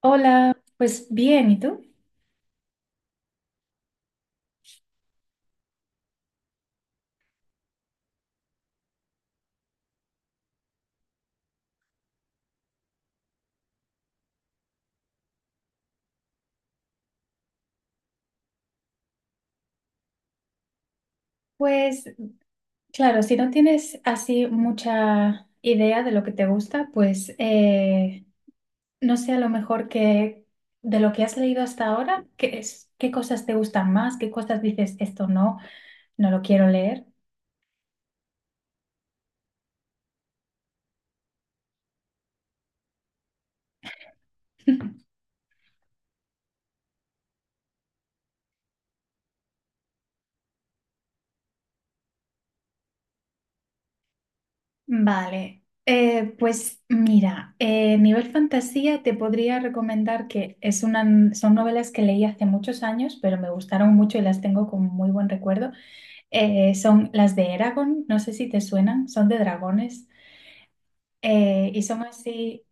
Hola, pues bien, ¿y tú? Pues claro, si no tienes así mucha idea de lo que te gusta, no sé, a lo mejor que de lo que has leído hasta ahora, ¿qué es, qué cosas te gustan más? ¿Qué cosas dices esto no lo quiero leer? Vale, pues mira, nivel fantasía te podría recomendar que son novelas que leí hace muchos años, pero me gustaron mucho y las tengo con muy buen recuerdo. Son las de Eragon, no sé si te suenan, son de dragones y son así,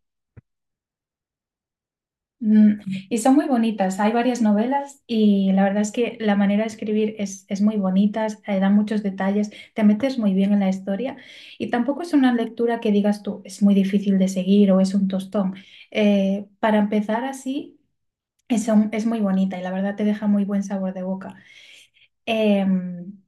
mm, y son muy bonitas. Hay varias novelas y la verdad es que la manera de escribir es muy bonita, da muchos detalles, te metes muy bien en la historia, y tampoco es una lectura que digas tú, es muy difícil de seguir o es un tostón. Para empezar así, es muy bonita y la verdad te deja muy buen sabor de boca. Em,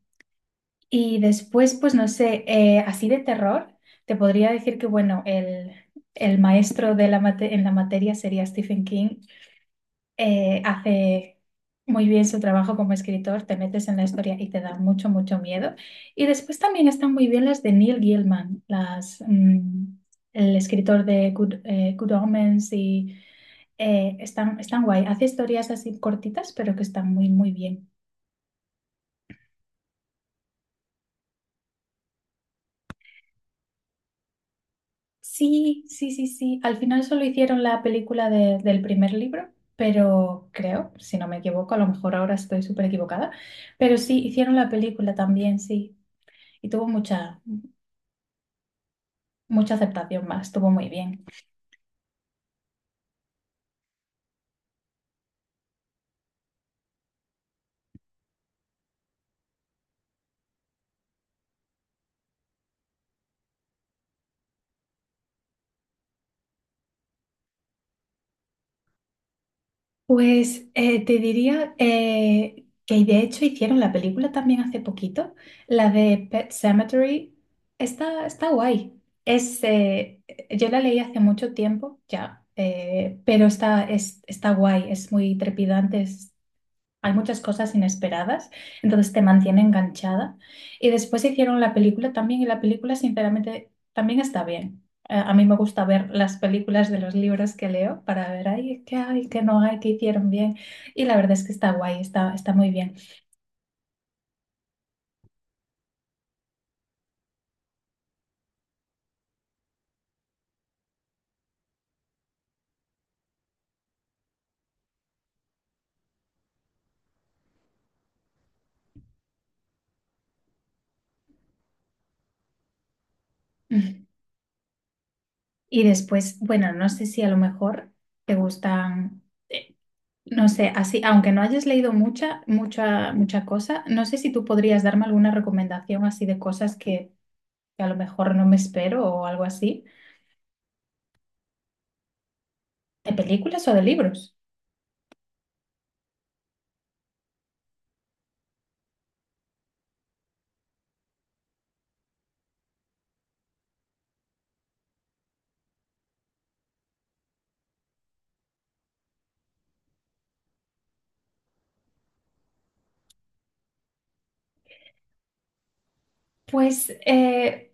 Y después, pues no sé, así de terror, te podría decir que, bueno, el maestro de en la materia sería Stephen King. Hace muy bien su trabajo como escritor, te metes en la historia y te da mucho, mucho miedo. Y después también están muy bien las de Neil Gaiman, el escritor de Good Omens y están, están guay. Hace historias así cortitas, pero que están muy, muy bien. Sí, sí, sí, sí. Al final solo hicieron la película del primer libro, pero creo, si no me equivoco, a lo mejor ahora estoy súper equivocada, pero sí, hicieron la película también, sí. Y tuvo mucha aceptación, más, estuvo muy bien. Pues te diría que de hecho hicieron la película también hace poquito, la de Pet Cemetery. Está guay. Yo la leí hace mucho tiempo ya, pero está guay, es muy trepidante, hay muchas cosas inesperadas, entonces te mantiene enganchada. Y después hicieron la película también, y la película, sinceramente, también está bien. A mí me gusta ver las películas de los libros que leo para ver, ay, qué hay, qué no hay, qué hicieron bien. Y la verdad es que está guay, está muy bien. Y después, bueno, no sé si a lo mejor te gustan, eh, no sé, así, aunque no hayas leído mucha, mucha, mucha cosa, no sé si tú podrías darme alguna recomendación así de cosas que a lo mejor no me espero o algo así, de películas o de libros. Pues, eh,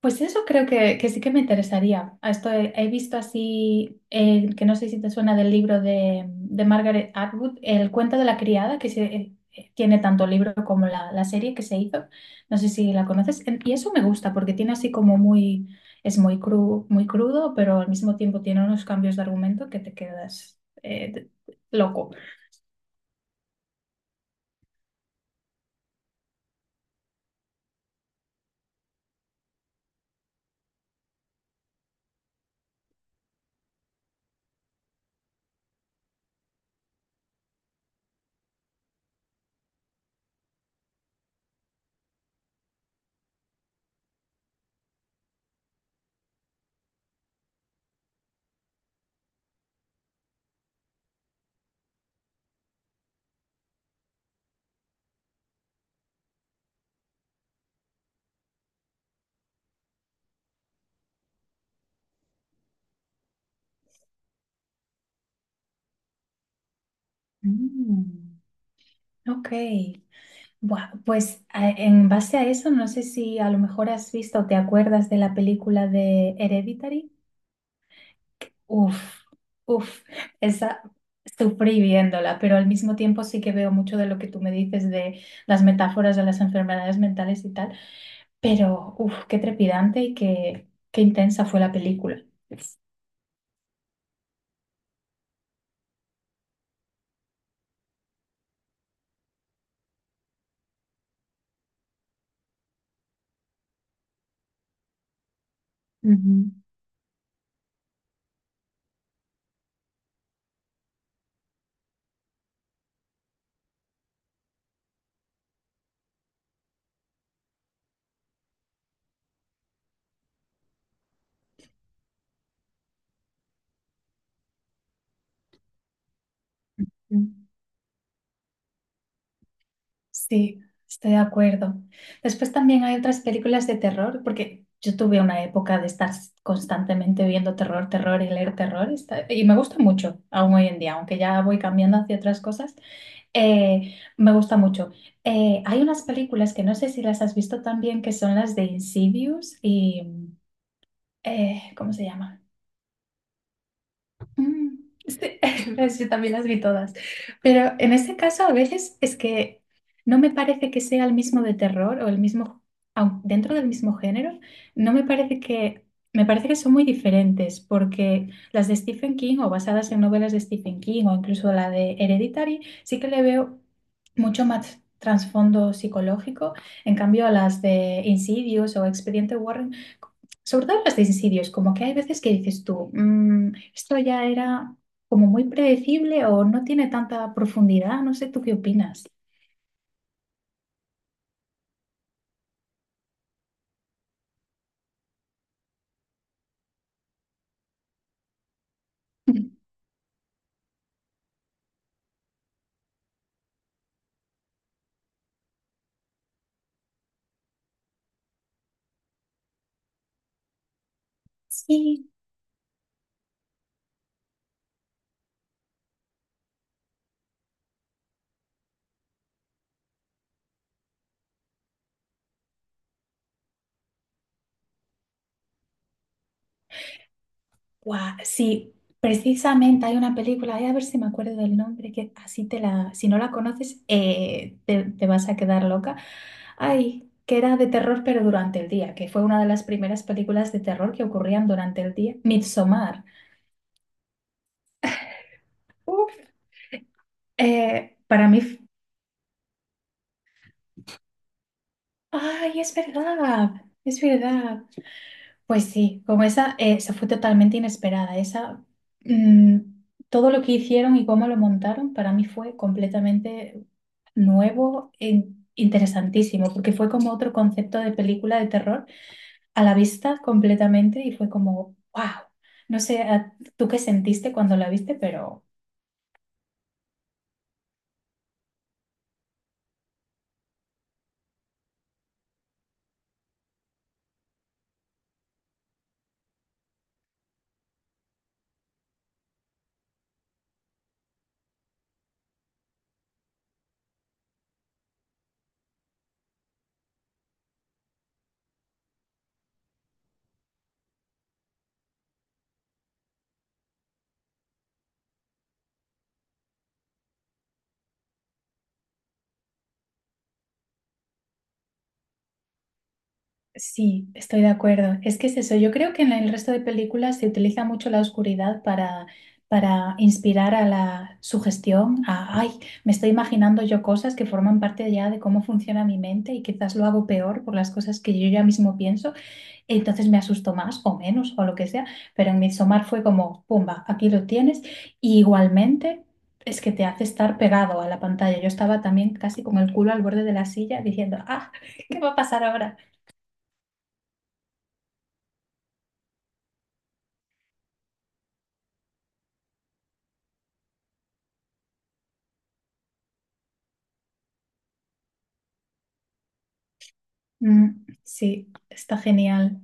pues eso creo que sí que me interesaría. A esto he visto así, que no sé si te suena del libro de Margaret Atwood, El cuento de la criada. Que se, tiene tanto el libro como la serie que se hizo. No sé si la conoces. Y eso me gusta porque tiene así como muy, es muy crudo, pero al mismo tiempo tiene unos cambios de argumento que te quedas loco. Mm, ok. Buah, pues en base a eso, no sé si a lo mejor has visto o te acuerdas de la película de Hereditary. Uf, uf, Esa sufrí viéndola, pero al mismo tiempo sí que veo mucho de lo que tú me dices de las metáforas de las enfermedades mentales y tal, pero uf, qué trepidante y qué intensa fue la película. Ujú. Sí, estoy de acuerdo. Después también hay otras películas de terror, porque yo tuve una época de estar constantemente viendo terror, terror, y leer terror, y me gusta mucho aún hoy en día, aunque ya voy cambiando hacia otras cosas, me gusta mucho. Hay unas películas que no sé si las has visto también, que son las de Insidious y... ¿cómo se llama? Mm, Sí, pues yo también las vi todas. Pero en ese caso, a veces es que no me parece que sea el mismo de terror o el mismo, aun dentro del mismo género, no me parece me parece que son muy diferentes, porque las de Stephen King o basadas en novelas de Stephen King o incluso la de Hereditary, sí que le veo mucho más trasfondo psicológico. En cambio, a las de Insidious o Expediente Warren, sobre todo en los de suicidios, como que hay veces que dices tú, "Mm, esto ya era como muy predecible o no tiene tanta profundidad". No sé, ¿tú qué opinas? Sí, guau, sí, precisamente hay una película, ay, a ver si me acuerdo del nombre, que así te la, si no la conoces, te vas a quedar loca. Ay, que era de terror pero durante el día, que fue una de las primeras películas de terror que ocurrían durante el día, Midsommar. Uf, para mí... Ay, es verdad, es verdad. Pues sí, como esa, esa fue totalmente inesperada. Mm, Todo lo que hicieron y cómo lo montaron para mí fue completamente nuevo e interesantísimo, porque fue como otro concepto de película de terror a la vista completamente y fue como, wow. No sé, tú qué sentiste cuando la viste, pero... Sí, estoy de acuerdo. Es que es eso. Yo creo que en el resto de películas se utiliza mucho la oscuridad para inspirar a la sugestión, a, ay, me estoy imaginando yo cosas que forman parte ya de cómo funciona mi mente y quizás lo hago peor por las cosas que yo ya mismo pienso, entonces me asusto más o menos o lo que sea, pero en Midsommar fue como, pumba, aquí lo tienes. Y igualmente... Es que te hace estar pegado a la pantalla. Yo estaba también casi con el culo al borde de la silla diciendo, ah, ¿qué va a pasar ahora? Mm, sí, está genial.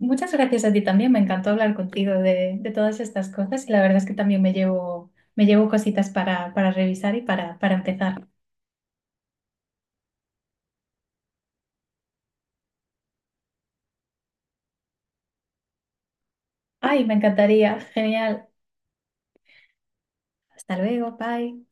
Muchas gracias a ti también. Me encantó hablar contigo de todas estas cosas y la verdad es que también me llevo cositas para revisar y para empezar. Ay, me encantaría. Genial. Hasta luego. Bye.